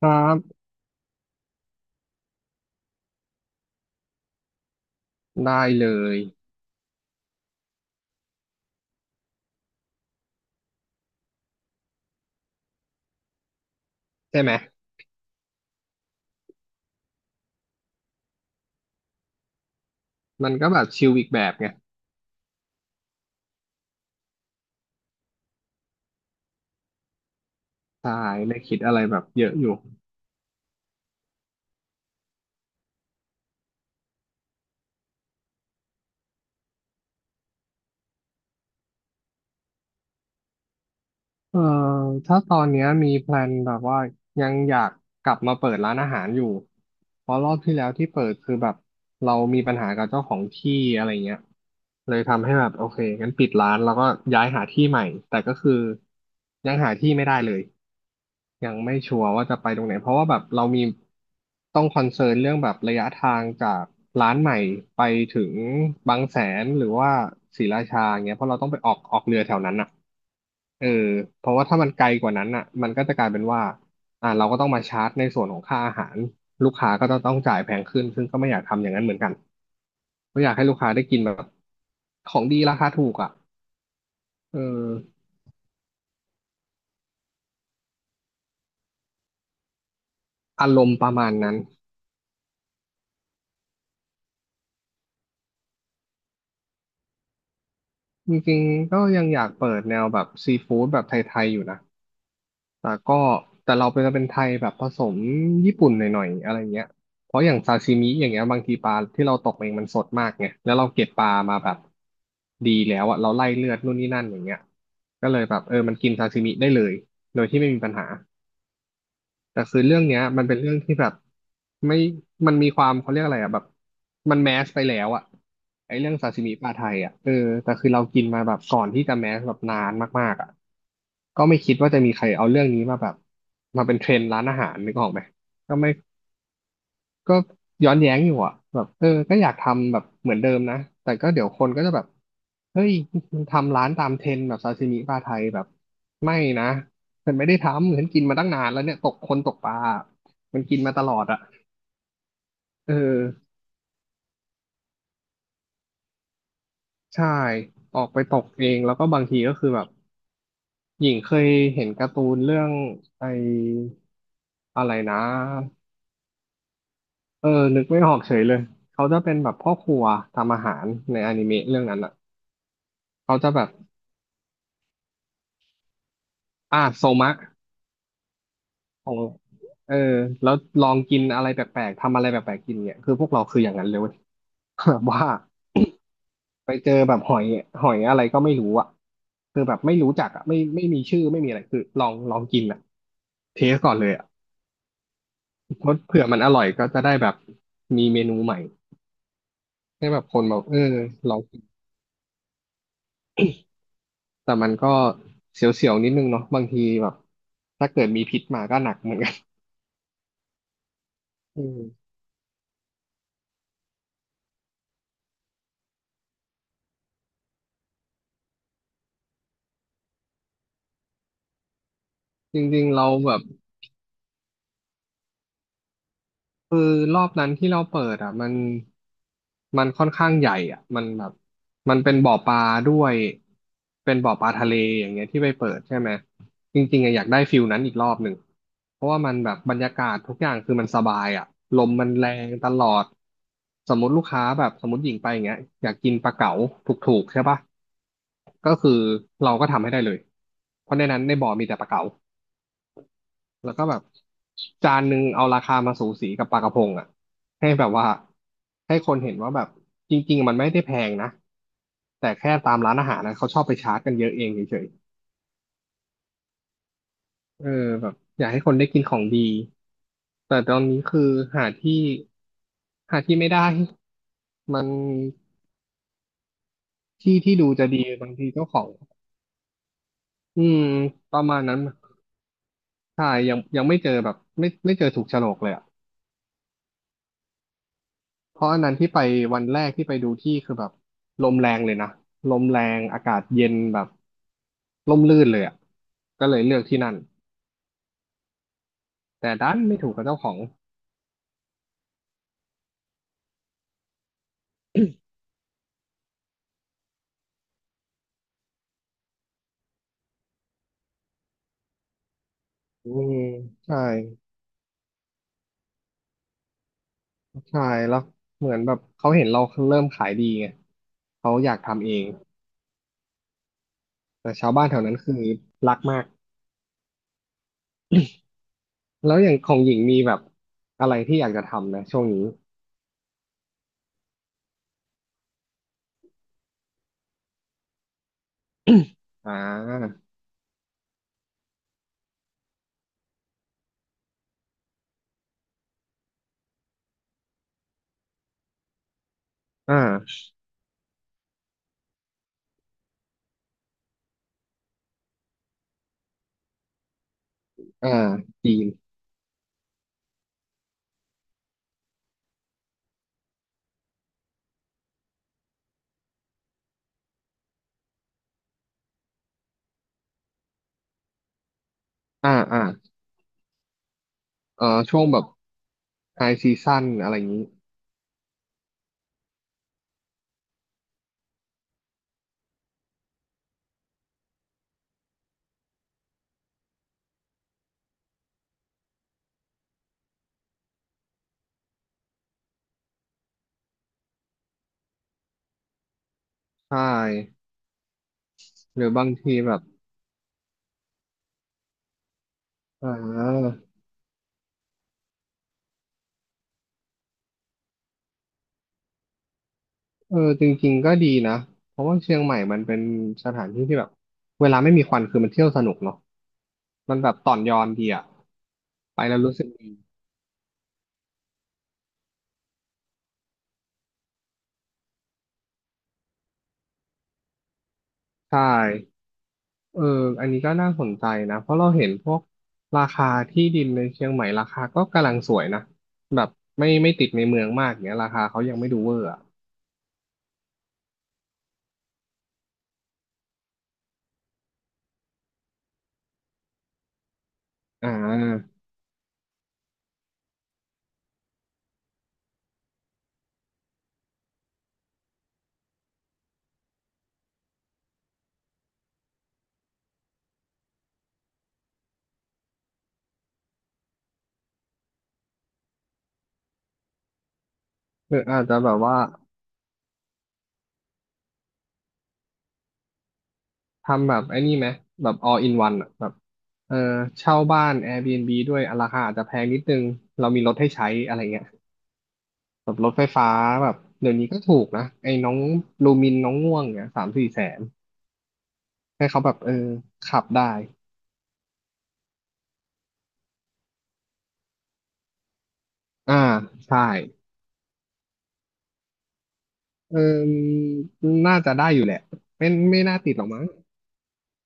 ครับได้เลยใช่ไหมมันก็แบบชิลอีกแบบไงใช่ไม่คิดอะไรแบบเยอะอยู่เอ่อถ้าตอนเนี้ยมีแพลนแบบว่ายังอยากกลับมาเปิดร้านอาหารอยู่เพราะรอบที่แล้วที่เปิดคือแบบเรามีปัญหากับเจ้าของที่อะไรเงี้ยเลยทำให้แบบโอเคงั้นปิดร้านแล้วก็ย้ายหาที่ใหม่แต่ก็คือยังหาที่ไม่ได้เลย ยังไม่ชัวร์ว่าจะไปตรงไหนเพราะว่าแบบเรามีต้องคอนเซิร์นเรื่องแบบระยะทางจากร้านใหม่ไปถึงบางแสนหรือว่าศรีราชาเงี้ยเพราะเราต้องไปออกเรือแถวนั้นอ่ะเออเพราะว่าถ้ามันไกลกว่านั้นอ่ะมันก็จะกลายเป็นว่าเราก็ต้องมาชาร์จในส่วนของค่าอาหารลูกค้าก็จะต้องจ่ายแพงขึ้นซึ่งก็ไม่อยากทำอย่างนั้นเหมือนกันก็อยากให้ลูกค้าได้กินแบบของดีราคาถูกอ่ะเอออารมณ์ประมาณนั้นจริงๆก็ยังอยากเปิดแนวแบบซีฟู้ดแบบไทยๆอยู่นะ แต่ก็แต่เราเป็นไทยแบบผสมญี่ปุ่นหน่อยๆอะไรเงี้ยเพราะอย่างซาชิมิอย่างเงี้ยบางทีปลาที่เราตกเองมันสดมากไงแล้วเราเก็บปลามาแบบดีแล้วอะเราไล่เลือดนู่นนี่นั่นอย่างเงี้ยก็เลยแบบเออมันกินซาชิมิได้เลยโดยที่ไม่มีปัญหา แต่คือเรื่องเนี้ยมันเป็นเรื่องที่แบบไม่มันมีความเขาเรียกอะไรอ่ะแบบมันแมสไปแล้วอ่ะไอ้เรื่องซาซิมิปลาไทยอ่ะเออแต่คือเรากินมาแบบก่อนที่จะแมสแบบนานมากๆอ่ะก็ไม่คิดว่าจะมีใครเอาเรื่องนี้มาแบบมาเป็นเทรนด์ร้านอาหารนึกออกไหมก็ไม่ ก็ย้อนแย้งอยู่อ่ะแบบเออก็อยากทำแบบเหมือนเดิมนะแต่ก็เดี๋ยวคนก็จะแบบเฮ้ยมันทำร้านตามเทรนด์แบบซาซิมิปลาไทยแบบไม่นะฉันไม่ได้ทำฉันกินมาตั้งนานแล้วเนี่ยตกคนตกปลามันกินมาตลอดอ่ะเออใช่ออกไปตกเองแล้วก็บางทีก็คือแบบหญิงเคยเห็นการ์ตูนเรื่องไออะไรนะเออนึกไม่ออกเฉยเลยเขาจะเป็นแบบพ่อครัวทำอาหารในอนิเมะเรื่องนั้นอ่ะเขาจะแบบ อ่าโซมะของเออแล้วลองกินอะไรแปลกๆทำอะไรแปลกๆกินเนี่ยคือพวกเราคืออย่างนั้นเลยเว้ย แบบว่าไปเจอแบบหอยอะไรก็ไม่รู้อ่ะคือแบบไม่รู้จักอ่ะไม่ไม่มีชื่อไม่มีอะไรคือลองกินอ่ะเทสก่อนเลยอ่ะเพราะเผื่อมันอร่อยก็จะได้แบบมีเมนูใหม่ให้แบบคนแบบเออลองกินแต่มันก็เสียวๆนิดนึงเนาะบางทีแบบถ้าเกิดมีพิษมาก็หนักเหมือนกัน อืมจริงๆเราแบบ คือรอบนั้นที่เราเปิดอ่ะมันค่อนข้างใหญ่อ่ะมันแบบมันเป็นบ่อปลาด้วยเป็นบ่อปลาทะเลอย่างเงี้ยที่ไปเปิดใช่ไหมจริงๆอะอยากได้ฟิลนั้นอีกรอบหนึ่งเพราะว่ามันแบบบรรยากาศทุกอย่างคือมันสบายอ่ะลมมันแรงตลอดสมมติลูกค้าแบบสมมติหญิงไปอย่างเงี้ยอยากกินปลาเก๋าถูกๆใช่ปะก็คือเราก็ทำให้ได้เลยเพราะในนั้นในบ่อมีแต่ปลาเก๋า แล้วก็แบบจานหนึ่งเอาราคามาสูสีกับปลากระพงอ่ะให้แบบว่าให้คนเห็นว่าแบบจริงๆมันไม่ได้แพงนะแต่แค่ตามร้านอาหารนะเขาชอบไปชาร์จกันเยอะเองเฉยๆเออแบบอยากให้คนได้กินของดีแต่ตอนนี้คือหาที่หาที่ไม่ได้มันที่ที่ดูจะดีบางทีเจ้าของอืมประมาณนั้นใช่ยังไม่เจอแบบไม่เจอถูกโฉลกเลยอ่ะ เพราะอันนั้นที่ไปวันแรกที่ไปดูที่คือแบบลมแรงเลยนะลมแรงอากาศเย็นแบบร่มรื่นเลยอ่ะก็เลยเลือกที่นั่นแต่ดันไม่ถูกกับเจ้าของอืมใช่ใช่แล้วเหมือนแบบเขาเห็นเราเริ่มขายดีไงเขาอยากทำเองแต่ชาวบ้านแถวนั้นคือรักมากแล้วอย่างของหญิงมีแบบอะไรที่อยากจะทำนะช่วงนี้อ่าอ่าอ่าจีนอ่าอ่าช่วงแบบไฮซีซั่นอะไรอย่างนี้ใช่ หรือบางทีแบบอ่าเออจริงๆก็ดีนะ เพราะว่าเชียงใหม่มันเป็นสถานที่ที่แบบเวลาไม่มีควันคือมันเที่ยวสนุกเนาะมันแบบต่อนยอนดีอะไปแล้วรู้สึกดีใช่เอออันนี้ก็น่าสนใจนะเพราะเราเห็นพวกราคาที่ดินในเชียงใหม่ราคาก็กำลังสวยนะแบบไม่ติดในเมืองมากเนี้ยราคาเขายังไม่ดูเวอร์อะอ่าหรืออาจจะแบบว่า ทำแบบไอ้นี่ไหมแบบ all in one อะแบบเออเช่าบ้าน Airbnb ด้วยอ่ะราคาอาจจะแพงนิดนึงเรามีรถให้ใช้อะไรเงี้ยแบบรถไฟฟ้าแบบเดี๋ยวนี้ก็ถูกนะไอ้น้องลูมินน้องง่วงเนี่ย3-4 แสนให้เขาแบบเออขับได้อ่าใช่เออน่าจะได้อยู่แหละไม่น่าติดหรอกมั้ง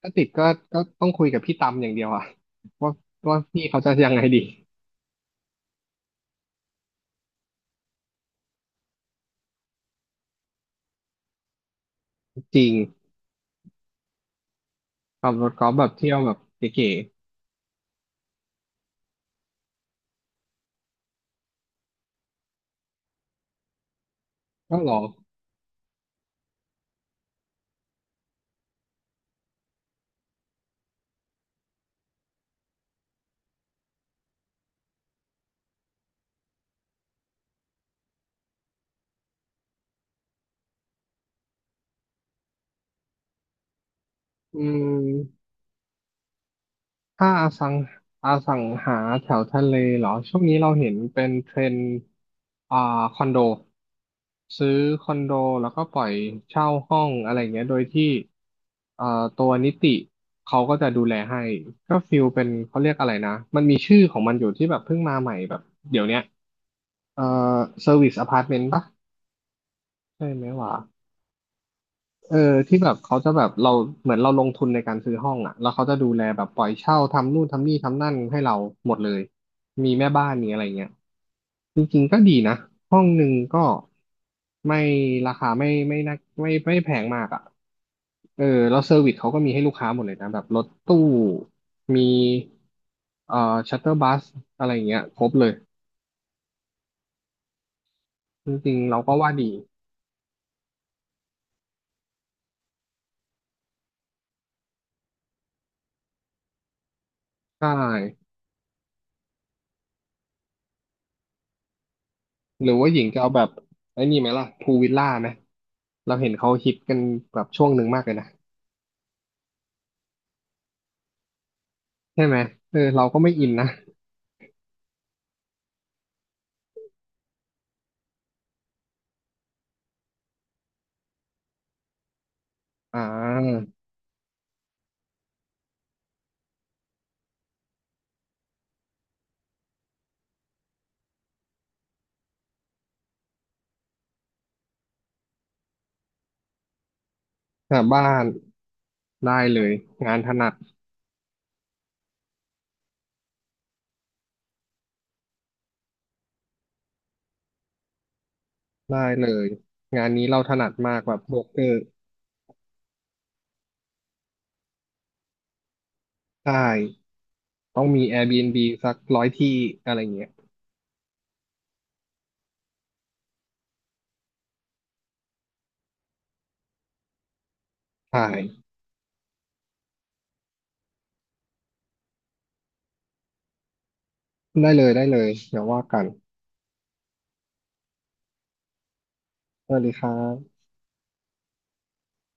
ถ้าติดก็ต้องคุยกับพี่ตำอย่างเดียวอะว่าว่าพี่เขาจะยังไงดีจริงขับรถกอล์ฟแบบเที่ยวแบบเก๋ๆก็หรออืม ถ้าอสังหาแถวทะเลเหรอช่วงนี้เราเห็นเป็นเทรนด์อ่าคอนโดซื้อคอนโดแล้วก็ปล่อยเช่าห้องอะไรเงี้ยโดยที่เอ่อตัวนิติเขาก็จะดูแลให้ก็ฟิลเป็นเขาเรียกอะไรนะมันมีชื่อของมันอยู่ที่แบบเพิ่งมาใหม่แบบเดี๋ยวเนี้ยเอ่อเซอร์วิสอพาร์ตเมนต์ปะใช่ไหมวะ เออที่แบบเขาจะแบบเราเหมือนเราลงทุนในการซื้อห้องอ่ะแล้วเขาจะดูแลแบบปล่อยเช่าทำนู่นทำนี่ทำนั่นให้เราหมดเลยมีแม่บ้านมีอะไรเงี้ยจริงๆก็ดีนะห้องหนึ่งก็ไม่ราคาไม่น่าไม่แพงมากอ่ะเออแล้วเซอร์วิสเขาก็มีให้ลูกค้าหมดเลยนะแบบรถตู้มีชัตเตอร์บัสอะไรเงี้ยครบเลยจริงๆเราก็ว่าดีใช่ หรือว่าหญิงจะเอาแบบไอ้นี่ไหมล่ะพูวิลล่าไหมเราเห็นเขาฮิตกันแบบช่วงหนึ่งมากเลยนะใช่ไหมเออเราก็ไม่อินนะอ่าหาบ้านได้เลยงานถนัดได้เลยงานนี้เราถนัดมากแบบโบรกเกอร์ใช่ต้องมี Airbnb สัก100ที่อะไรเงี้ยใช่ได้เลยได้เลยเดี๋ยวว่ากันสวัสดีครับ